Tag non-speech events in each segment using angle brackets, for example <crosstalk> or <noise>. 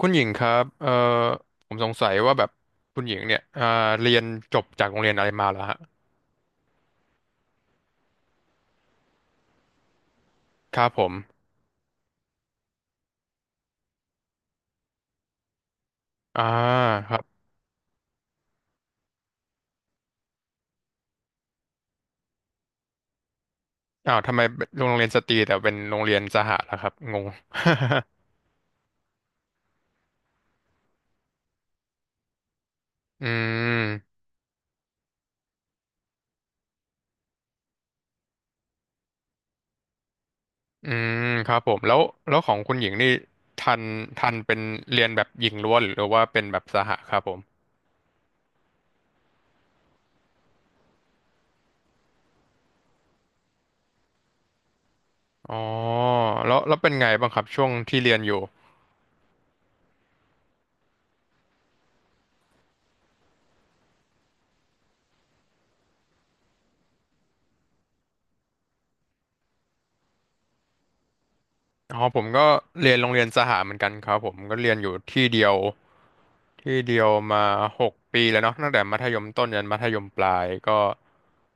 คุณหญิงครับผมสงสัยว่าแบบคุณหญิงเนี่ยเรียนจบจากโรงเรียนอะไรมาเหรอฮะครับผมอ่าครับอ้าวทำไมโรงเรียนสตรีแต่เป็นโรงเรียนสหะล่ะครับงง <laughs> อืมอืมครับผมแล้วของคุณหญิงนี่ทันทันเป็นเรียนแบบหญิงล้วนหรือว่าเป็นแบบสหะครับผมอ๋อแล้วเป็นไงบ้างครับช่วงที่เรียนอยู่ อ๋อผมก็เรียนโรงเรียนสหเหมือนกันครับผมก็เรียนอยู่ที่เดียวมาหกปีแล้วเนาะตั้งแต่มัธยมต้นยันมัธยมปลายก็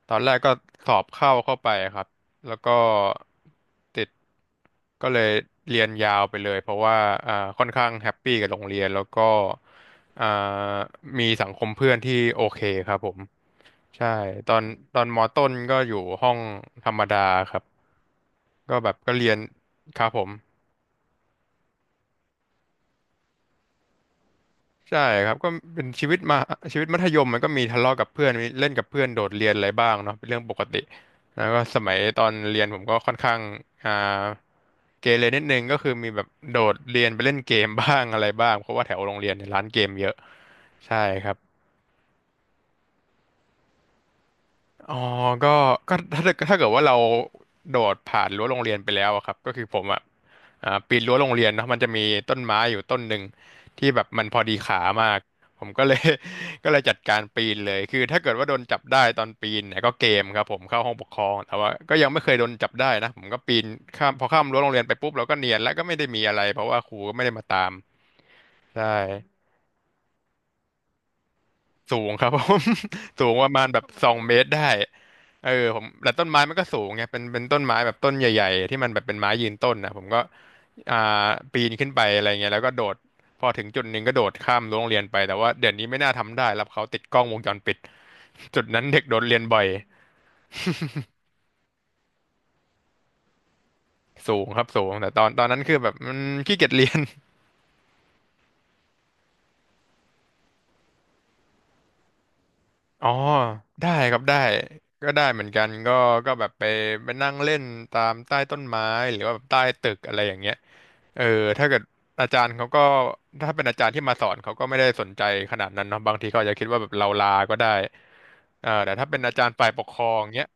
ตอนแรกก็สอบเข้าไปครับแล้วก็ติดก็เลยเรียนยาวไปเลยเพราะว่าอ่าค่อนข้างแฮปปี้กับโรงเรียนแล้วก็อ่ามีสังคมเพื่อนที่โอเคครับผมใช่ตอนมอต้นก็อยู่ห้องธรรมดาครับก็แบบก็เรียน ครับผมใช่ครับก็เป็นชีวิตมาชีวิตมัธยมมันก็มีทะเลาะกับเพื่อนมีเล่นกับเพื่อนโดดเรียนอะไรบ้างเนาะเป็นเรื่องปกติแล้วก็สมัยตอนเรียนผมก็ค่อนข้างอ่าเกเรนิดนึงก็คือมีแบบโดดเรียนไปเล่นเกมบ้างอะไรบ้างเพราะว่าแถวโรงเรียนเนี่ยร้านเกมเยอะใช่ครับ อ๋อก็ถ้าเกิดว่าเราโดดผ่านรั้วโรงเรียนไปแล้วอะครับก็คือผมอ่ะปีนรั้วโรงเรียนเนาะมันจะมีต้นไม้อยู่ต้นหนึ่งที่แบบมันพอดีขามาก ผมก็เลย <laughs> ก็เลยจัดการปีนเลยคือถ้าเกิดว่าโดนจับได้ตอนปีนเนี่ยก็เกมครับผมเข้าห้องปกครองแต่ว่าก็ยังไม่เคยโดนจับได้นะผมก็ปีนข้ามพอข้ามรั้วโรงเรียนไปปุ๊บเราก็เนียนแล้วก็ไม่ได้มีอะไรเพราะว่าครูก็ไม่ได้มาตามใช่ สูงครับผม <laughs> สูงประมาณแบบสองเมตรได้เออผมแต่ต้นไม้มันก็สูงไงเป็นต้นไม้แบบต้นใหญ่ๆที่มันแบบเป็นไม้ยืนต้นนะผมก็อ่าปีนขึ้นไปอะไรเงี้ยแล้วก็โดดพอถึงจุดหนึ่งก็โดดข้ามรั้วโรงเรียนไปแต่ว่าเดี๋ยวนี้ไม่น่าทำได้รับเขาติดกล้องวงจรปิดจุดนั้นเด็กโดดเรียนบ่อยสูงครับสูงแต่ตอนนั้นคือแบบมันขี้เกียจเรียน อ๋อได้ครับได้ก็ได้เหมือนกันก็ก็แบบไปนั่งเล่นตามใต้ต้นไม้หรือว่าแบบใต้ตึกอะไรอย่างเงี้ยเออถ้าเกิดอาจารย์เขาก็ถ้าเป็นอาจารย์ที่มาสอนเขาก็ไม่ได้สนใจขนาดนั้นเนาะบางทีเขาอาจจะคิดว่าแบบเราลาก็ได้เออแต่ถ้าเป็นอาจารย์ฝ่ายปกครองเงี้ย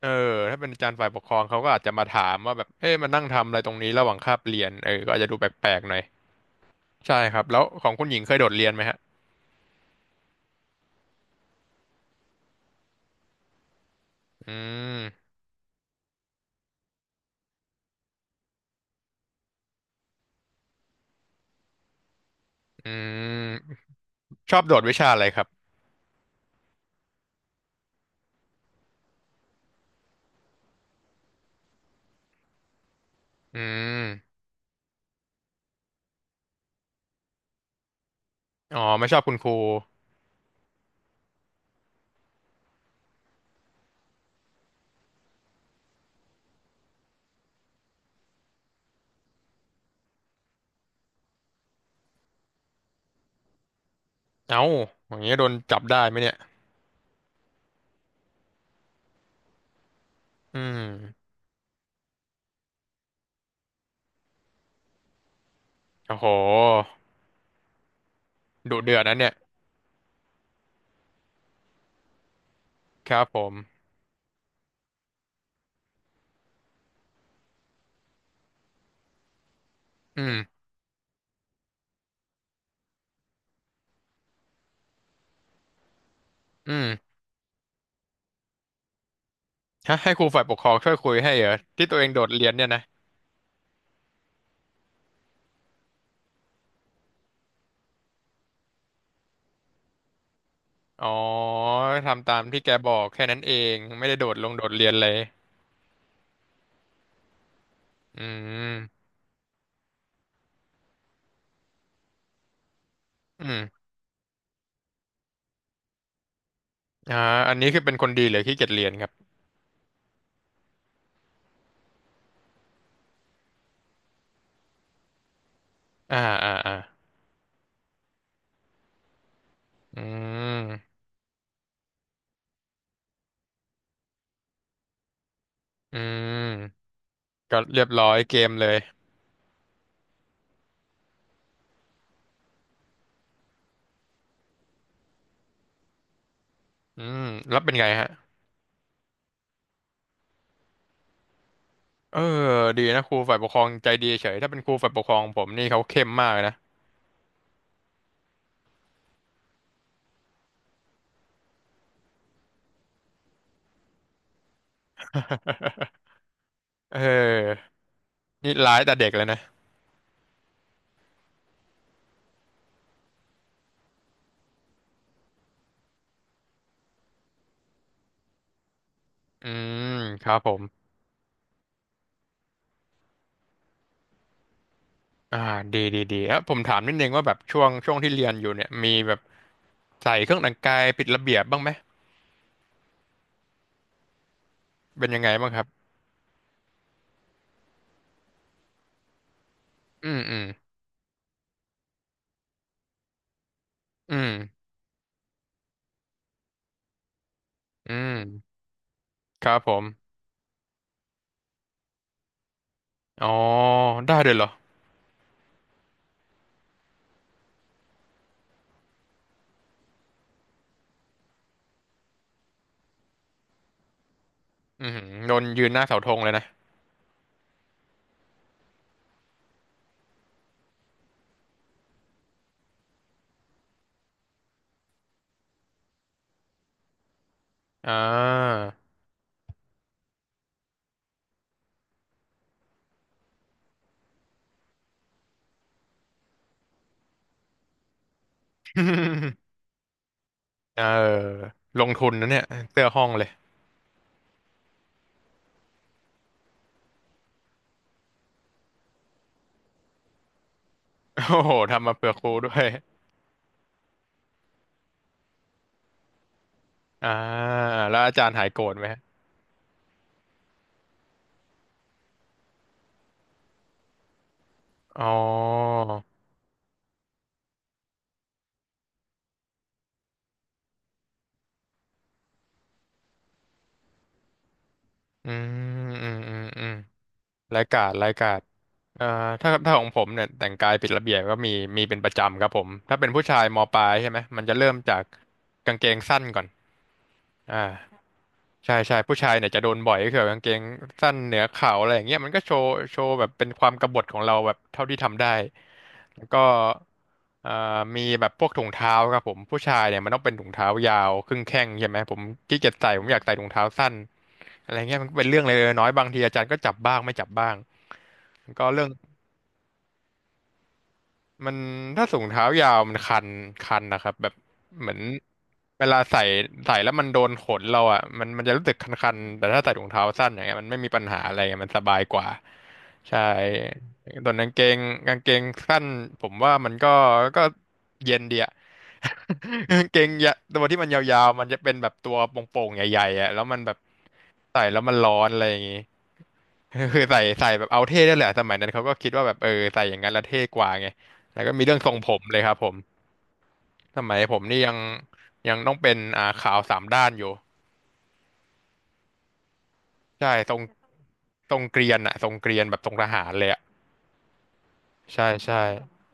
เออถ้าเป็นอาจารย์ฝ่ายปกครองเขาก็อาจจะมาถามว่าแบบเอ๊ะมานั่งทำอะไรตรงนี้ระหว่างคาบเรียนเออก็อาจจะดูแปลกๆหน่อยใช่ครับแล้วของคุณหญิงเคยโดดเรียนไหมฮะอืมอืมชอบโดดวิชาอะไรครับ อืมอ๋อไม่ชอบคุณครูเอ้าอย่างเงี้ยโดนจับได้ไหมเนี่ยอืมโอ้โหดุเดือดนะเนี่ยครับผมอืมอืมฮะให้ครูฝ่ายปกครองช่วยคุยให้เหรอที่ตัวเองโดดเรียนเนี่ยนะอ๋อทำตามที่แกบอกแค่นั้นเอง ไม่ได้โดดลงโดดเรียนเลยอืมอืมอ่าอันนี้คือเป็นคนดีหรือขี้เกียจเรียนครับอ่าอ่าอ่าอืมอืมก็เรียบร้อยเกมเลยอืมแล้วเป็นไงฮะ เออดีนะครูฝ่ายปกครองใจดีเฉยถ้าเป็นครูฝ่ายปกครองผมนี่เขาเข้มมากเลยนะ <laughs> เออนี่ร้ายแต่เด็กเลยนะอืมครับผมอ่าดีดีดีแล้วผมถามนิดนึงว่าแบบช่วงที่เรียนอยู่เนี่ยมีแบบใส่เครื่องแต่งกายผิดระเบียบบ้างไหมเป็นยังไงบ้างครับอืมอืมอืมอืมครับผมอ๋อได้เลยเหรออืมโดนยืนหน้าเสาธงเลยนะอ่า <laughs> เออลงทุนนะเนี่ยเสื้อห้องเลย โอ้โหทำมาเผื่อครูด้วย <laughs> อ่าแล้วอาจารย์หายโกรธไหม อ๋อ อืม อืม อืมอืมรายการเอ่อถ้าของผมเนี่ยแต่งกายผิดระเบียบก็มีมีเป็นประจำครับผมถ้าเป็นผู้ชายมปลายใช่ไหมมันจะเริ่มจากกางเกงสั้นก่อน อ่าใช่ใช่ผู้ชายเนี่ยจะโดนบ่อยก็คือแบบกางเกงสั้นเหนือเข่าอะไรอย่างเงี้ยมันก็โชว์แบบเป็นความกบฏของเราแบบเท่าที่ทำได้แล้วก็เอ่อมีแบบพวกถุงเท้าครับผมผู้ชายเนี่ยมันต้องเป็นถุงเท้ายาวครึ่งแข้งใช่ไหมผมขี้เกียจใส่ผมอยากใส่ถุงเท้าสั้นอะไรเงี้ยมันก็เป็นเรื่องเล็กๆน้อยๆบางทีอาจารย์ก็จับบ้างไม่จับบ้างแล้วก็เรื่อง มันถ้าสูงเท้ายาวมันคันคันนะครับแบบอืเหมมืมอนเวลาใส่แล้วมันโดนขนเราอ่ะมันจะรู้สึกคันๆแต่ถ้าใส่ถุงเท้าสั้นอย่างเงี้ยมันไม่มีปัญหาอะไรมันสบายกว่าใช่ส่วนกางเกงสั้นผมว่ามันก็เย็นดีอะ <laughs> กางเกงยะตัวที่มันยาวๆมันจะเป็นแบบตัวโป่งๆใหญ่ๆอ่ะแล้วมันแบบใส่แล้วมันร้อนอะไรอย่างงี้ <laughs> คือใส่แบบเอาเท่ได้แหละสมัยนั้นเขาก็คิดว่าแบบเออใส่อย่างนั้นแล้วเท่กว่าไง แล้วก็มีเรื่องทรงผมเลยครับผมสมัยผมนี่ยังต้องเป็นขาวสามด้านอยู่ใช่ทรงทรงเกรียนอะทรงเกรียนแบบทรงทหารเลยอะใช่ใช่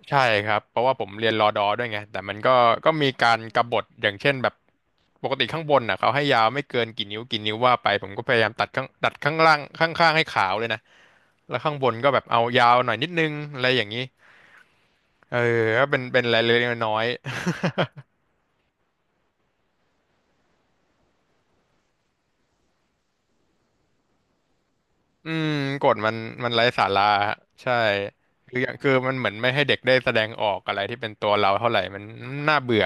ใช่ครับเพราะว่าผมเรียนรอดอด้วยไงแต่มันก็มีการกบฏอย่างเช่นแบบปกติข้างบนอ่ะเขาให้ยาวไม่เกินกี่นิ้วกี่นิ้วว่าไปผมก็พยายามตัดข้างล่างข้างให้ขาวเลยนะแล้วข้างบนก็แบบเอายาวหน่อยนิดนึงอะไรอย่างนี้เออก็เป็นรายละเล็กน้อย อืมกฎมันไร้สาระฮะใช่คืออย่างคือมันเหมือนไม่ให้เด็กได้แสดงออกอะไรที่เป็นตัวเราเท่าไหร่มันน่าเบื่อ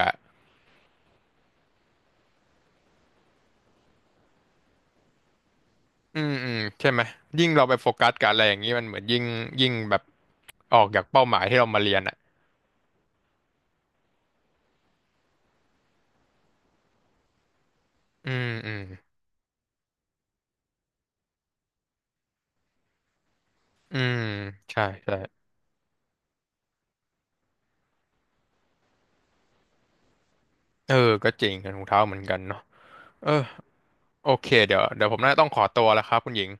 อืมอืมใช่ไหมยิ่งเราไปโฟกัสกับอะไรอย่างนี้มันเหมือนยิ่งแบบออกจากเป้าหมายที่เรามาเรียนอ่ะอืมอืมอืมใช่ใช่เออก็จริงถุงเท้าเหมือนกันเนาะเออโอเคเดี๋ยวเดี๋ยวผมน่าจะต้องขอตัวแล้วครับคุณหญิง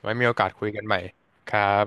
ไว้มีโอกาสคุยกันใหม่ครับ